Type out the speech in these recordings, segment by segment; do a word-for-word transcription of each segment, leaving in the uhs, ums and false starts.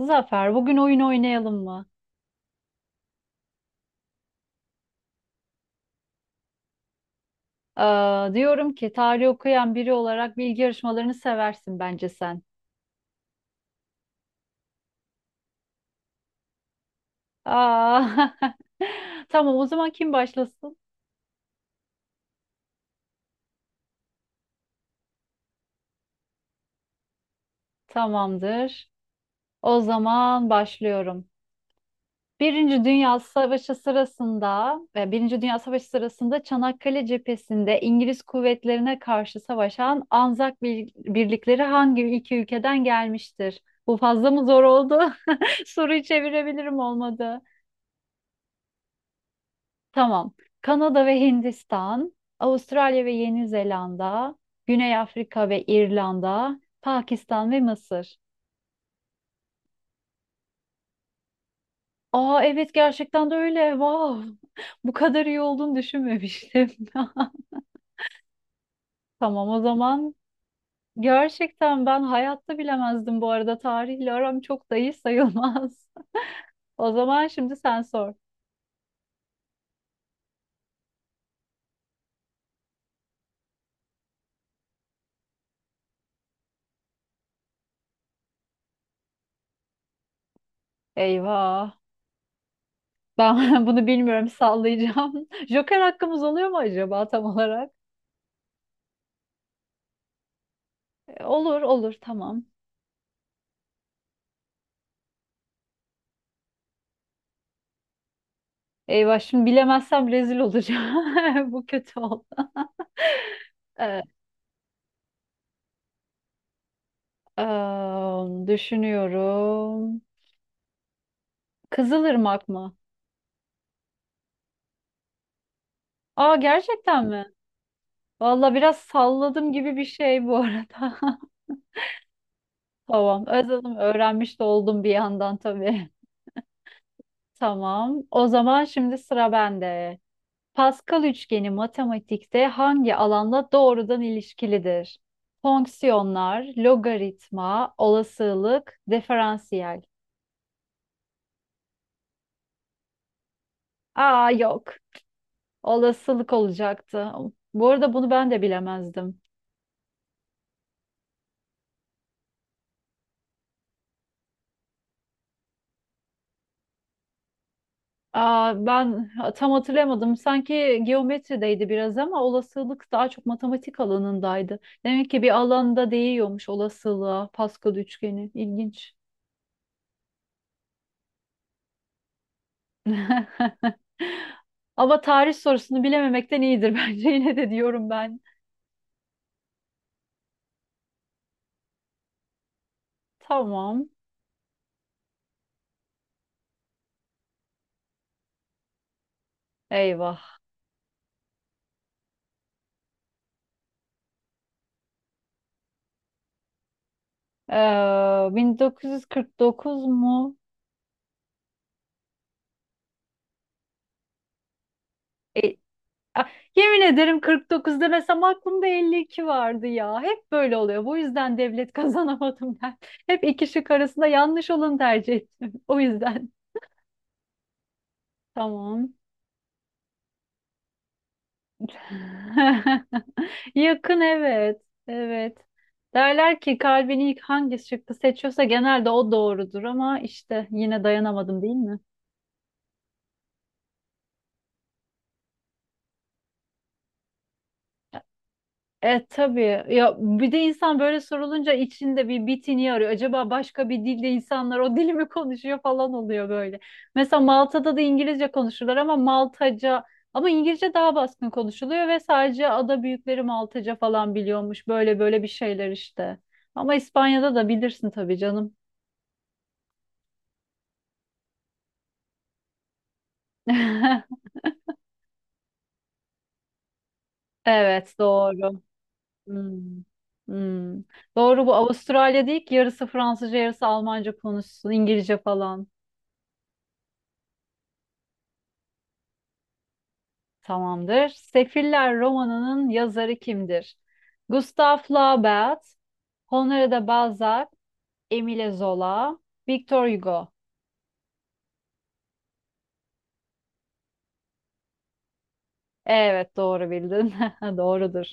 Zafer, bugün oyun oynayalım mı? Aa, diyorum ki tarih okuyan biri olarak bilgi yarışmalarını seversin bence sen. Aa, tamam, o zaman kim başlasın? Tamamdır. O zaman başlıyorum. Birinci Dünya Savaşı sırasında, e, Birinci Dünya Savaşı sırasında Çanakkale cephesinde İngiliz kuvvetlerine karşı savaşan Anzak bir- birlikleri hangi iki ülkeden gelmiştir? Bu fazla mı zor oldu? Soruyu çevirebilirim olmadı. Tamam. Kanada ve Hindistan, Avustralya ve Yeni Zelanda, Güney Afrika ve İrlanda, Pakistan ve Mısır. Aa evet, gerçekten de öyle. Wow. Bu kadar iyi olduğunu düşünmemiştim. Tamam, o zaman gerçekten ben hayatta bilemezdim bu arada. Tarihle aram çok da iyi sayılmaz. O zaman şimdi sen sor. Eyvah. Ben bunu bilmiyorum, sallayacağım. Joker hakkımız oluyor mu acaba tam olarak? E, Olur olur, tamam. Eyvah, şimdi bilemezsem rezil olacağım. Bu kötü oldu. Ee, em, Düşünüyorum. Kızılırmak mı? Aa, gerçekten mi? Valla biraz salladım gibi bir şey bu arada. Tamam. Özledim. Öğrenmiş de oldum bir yandan tabii. Tamam. O zaman şimdi sıra bende. Pascal üçgeni matematikte hangi alanla doğrudan ilişkilidir? Fonksiyonlar, logaritma, olasılık, diferansiyel. Aa, yok. Olasılık olacaktı. Bu arada bunu ben de bilemezdim. Aa, ben tam hatırlamadım. Sanki geometrideydi biraz ama olasılık daha çok matematik alanındaydı. Demek ki bir alanda değiyormuş olasılığa Pascal üçgeni. İlginç. Ama tarih sorusunu bilememekten iyidir bence. Yine de diyorum ben. Tamam. Eyvah. Ee, bin dokuz yüz kırk dokuz mu? E, Ah, yemin ederim kırk dokuz demesem aklımda elli iki vardı ya. Hep böyle oluyor. Bu yüzden devlet kazanamadım ben. Hep iki şık arasında yanlış olanı tercih ettim. O yüzden. Tamam. Yakın, evet. Evet. Derler ki kalbini ilk hangi şıkkı seçiyorsa genelde o doğrudur ama işte yine dayanamadım değil mi? E tabii ya, bir de insan böyle sorulunca içinde bir bitini arıyor. Acaba başka bir dilde insanlar o dili mi konuşuyor falan oluyor böyle. Mesela Malta'da da İngilizce konuşurlar ama Maltaca ama İngilizce daha baskın konuşuluyor ve sadece ada büyükleri Maltaca falan biliyormuş. Böyle böyle bir şeyler işte. Ama İspanya'da da bilirsin tabii canım. Evet doğru. Hmm. Hmm. Doğru, bu Avustralya değil ki yarısı Fransızca yarısı Almanca konuşsun İngilizce falan. Tamamdır. Sefiller romanının yazarı kimdir? Gustav Flaubert, Honoré de Balzac, Emile Zola, Victor Hugo. Evet, doğru bildin. Doğrudur.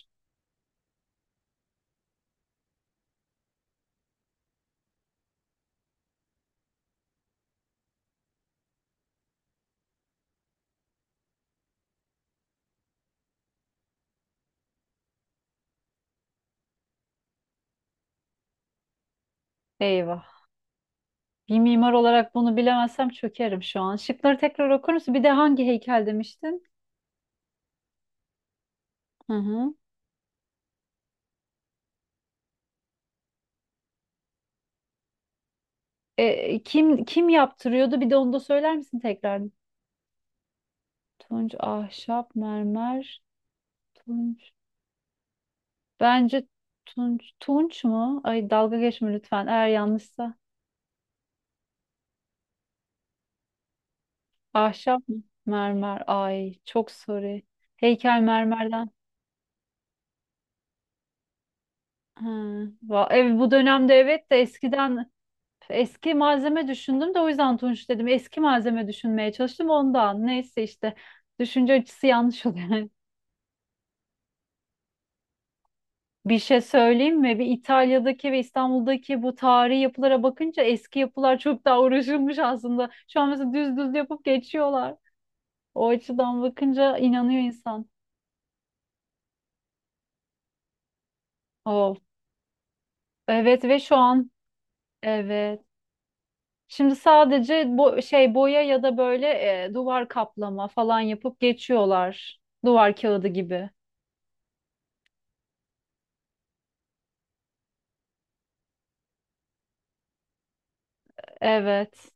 Eyvah. Bir mimar olarak bunu bilemezsem çökerim şu an. Şıkları tekrar okur musun? Bir de hangi heykel demiştin? Hı hı. E, kim kim yaptırıyordu? Bir de onu da söyler misin tekrar? Tunç, ahşap, mermer, tunç. Bence tunç. Tunç mu? Ay, dalga geçme lütfen eğer yanlışsa. Ahşap mı? Mermer. Ay çok sorry. Heykel mermerden. Ha, va- ev, Bu dönemde evet de eskiden eski malzeme düşündüm de o yüzden tunç dedim. Eski malzeme düşünmeye çalıştım ondan. Neyse işte düşünce açısı yanlış oluyor. Bir şey söyleyeyim mi? Bir İtalya'daki ve İstanbul'daki bu tarihi yapılara bakınca eski yapılar çok daha uğraşılmış aslında. Şu an mesela düz düz yapıp geçiyorlar. O açıdan bakınca inanıyor insan. Oh. Evet ve şu an evet. Şimdi sadece bu şey boya ya da böyle e, duvar kaplama falan yapıp geçiyorlar. Duvar kağıdı gibi. Evet.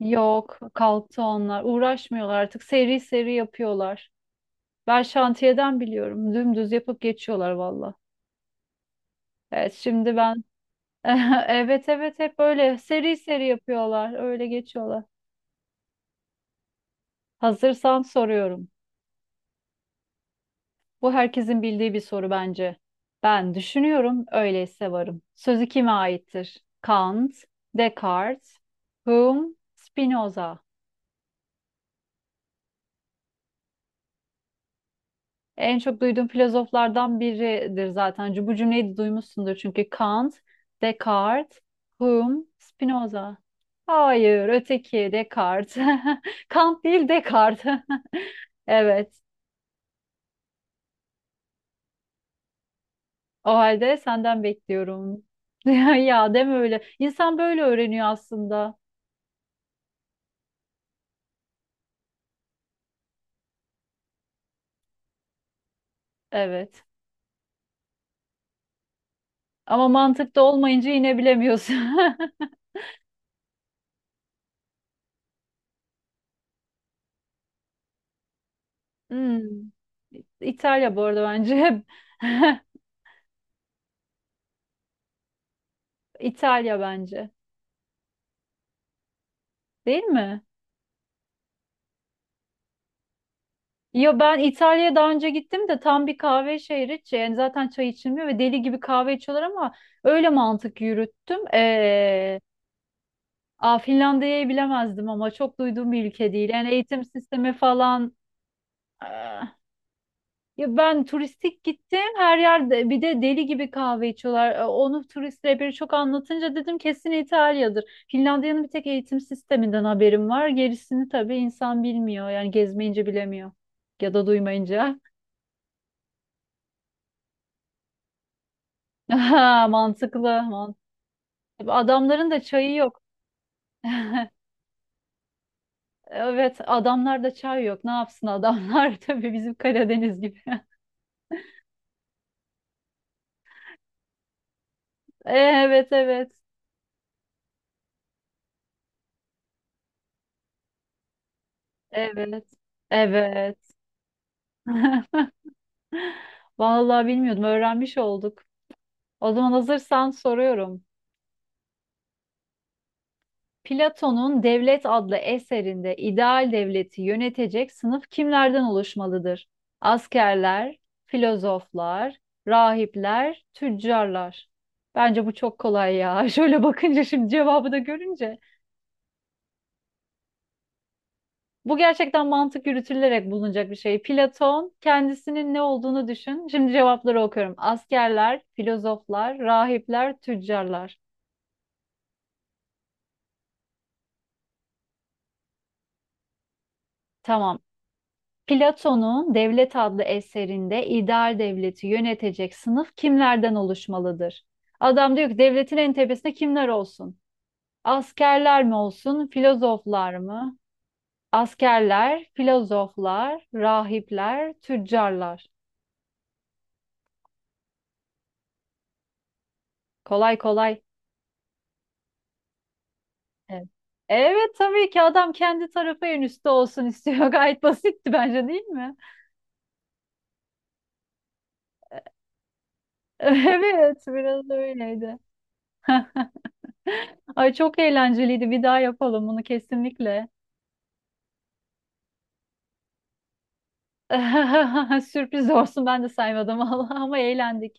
Yok, kalktı onlar. Uğraşmıyorlar artık. Seri seri yapıyorlar. Ben şantiyeden biliyorum. Dümdüz yapıp geçiyorlar valla. Evet, şimdi ben evet evet, hep böyle seri seri yapıyorlar. Öyle geçiyorlar. Hazırsan soruyorum. Bu herkesin bildiği bir soru bence. Ben düşünüyorum, öyleyse varım. Sözü kime aittir? Kant, Descartes, Hume, Spinoza. En çok duyduğum filozoflardan biridir zaten. Bu cümleyi de duymuşsundur çünkü. Kant, Descartes, Hume, Spinoza. Hayır, öteki Descartes. Kant değil, Descartes. Evet. O halde senden bekliyorum. Ya deme öyle. İnsan böyle öğreniyor aslında. Evet. Ama mantıkta olmayınca yine bilemiyorsun. Hmm. İtalya bu arada bence. İtalya bence. Değil mi? Ya ben İtalya'ya daha önce gittim de tam bir kahve şehri. Ç- Yani zaten çay içilmiyor ve deli gibi kahve içiyorlar ama öyle mantık yürüttüm. Ee, aa, Finlandiya'yı bilemezdim ama çok duyduğum bir ülke değil. Yani eğitim sistemi falan. ah, Ya ben turistik gittim her yerde, bir de deli gibi kahve içiyorlar. E, Onu turist rehberi çok anlatınca dedim kesin İtalya'dır. Finlandiya'nın bir tek eğitim sisteminden haberim var. Gerisini tabii insan bilmiyor. Yani gezmeyince bilemiyor. Ya da duymayınca. Aha, mantıklı. mant- Adamların da çayı yok. Evet, adamlarda çay yok. Ne yapsın adamlar? Tabii bizim Karadeniz gibi. Evet, evet. Evet. Evet. Vallahi bilmiyordum. Öğrenmiş olduk. O zaman hazırsan soruyorum. Platon'un Devlet adlı eserinde ideal devleti yönetecek sınıf kimlerden oluşmalıdır? Askerler, filozoflar, rahipler, tüccarlar. Bence bu çok kolay ya. Şöyle bakınca şimdi cevabı da görünce. Bu gerçekten mantık yürütülerek bulunacak bir şey. Platon kendisinin ne olduğunu düşün. Şimdi cevapları okuyorum. Askerler, filozoflar, rahipler, tüccarlar. Tamam. Platon'un Devlet adlı eserinde ideal devleti yönetecek sınıf kimlerden oluşmalıdır? Adam diyor ki devletin en tepesinde kimler olsun? Askerler mi olsun, filozoflar mı? Askerler, filozoflar, rahipler, tüccarlar. Kolay kolay. Evet. Evet tabii ki, adam kendi tarafı en üstte olsun istiyor. Gayet basitti bence, değil mi? Evet biraz öyleydi. Ay, çok eğlenceliydi. Bir daha yapalım bunu kesinlikle. Sürpriz olsun, ben de saymadım. Allah, ama eğlendik.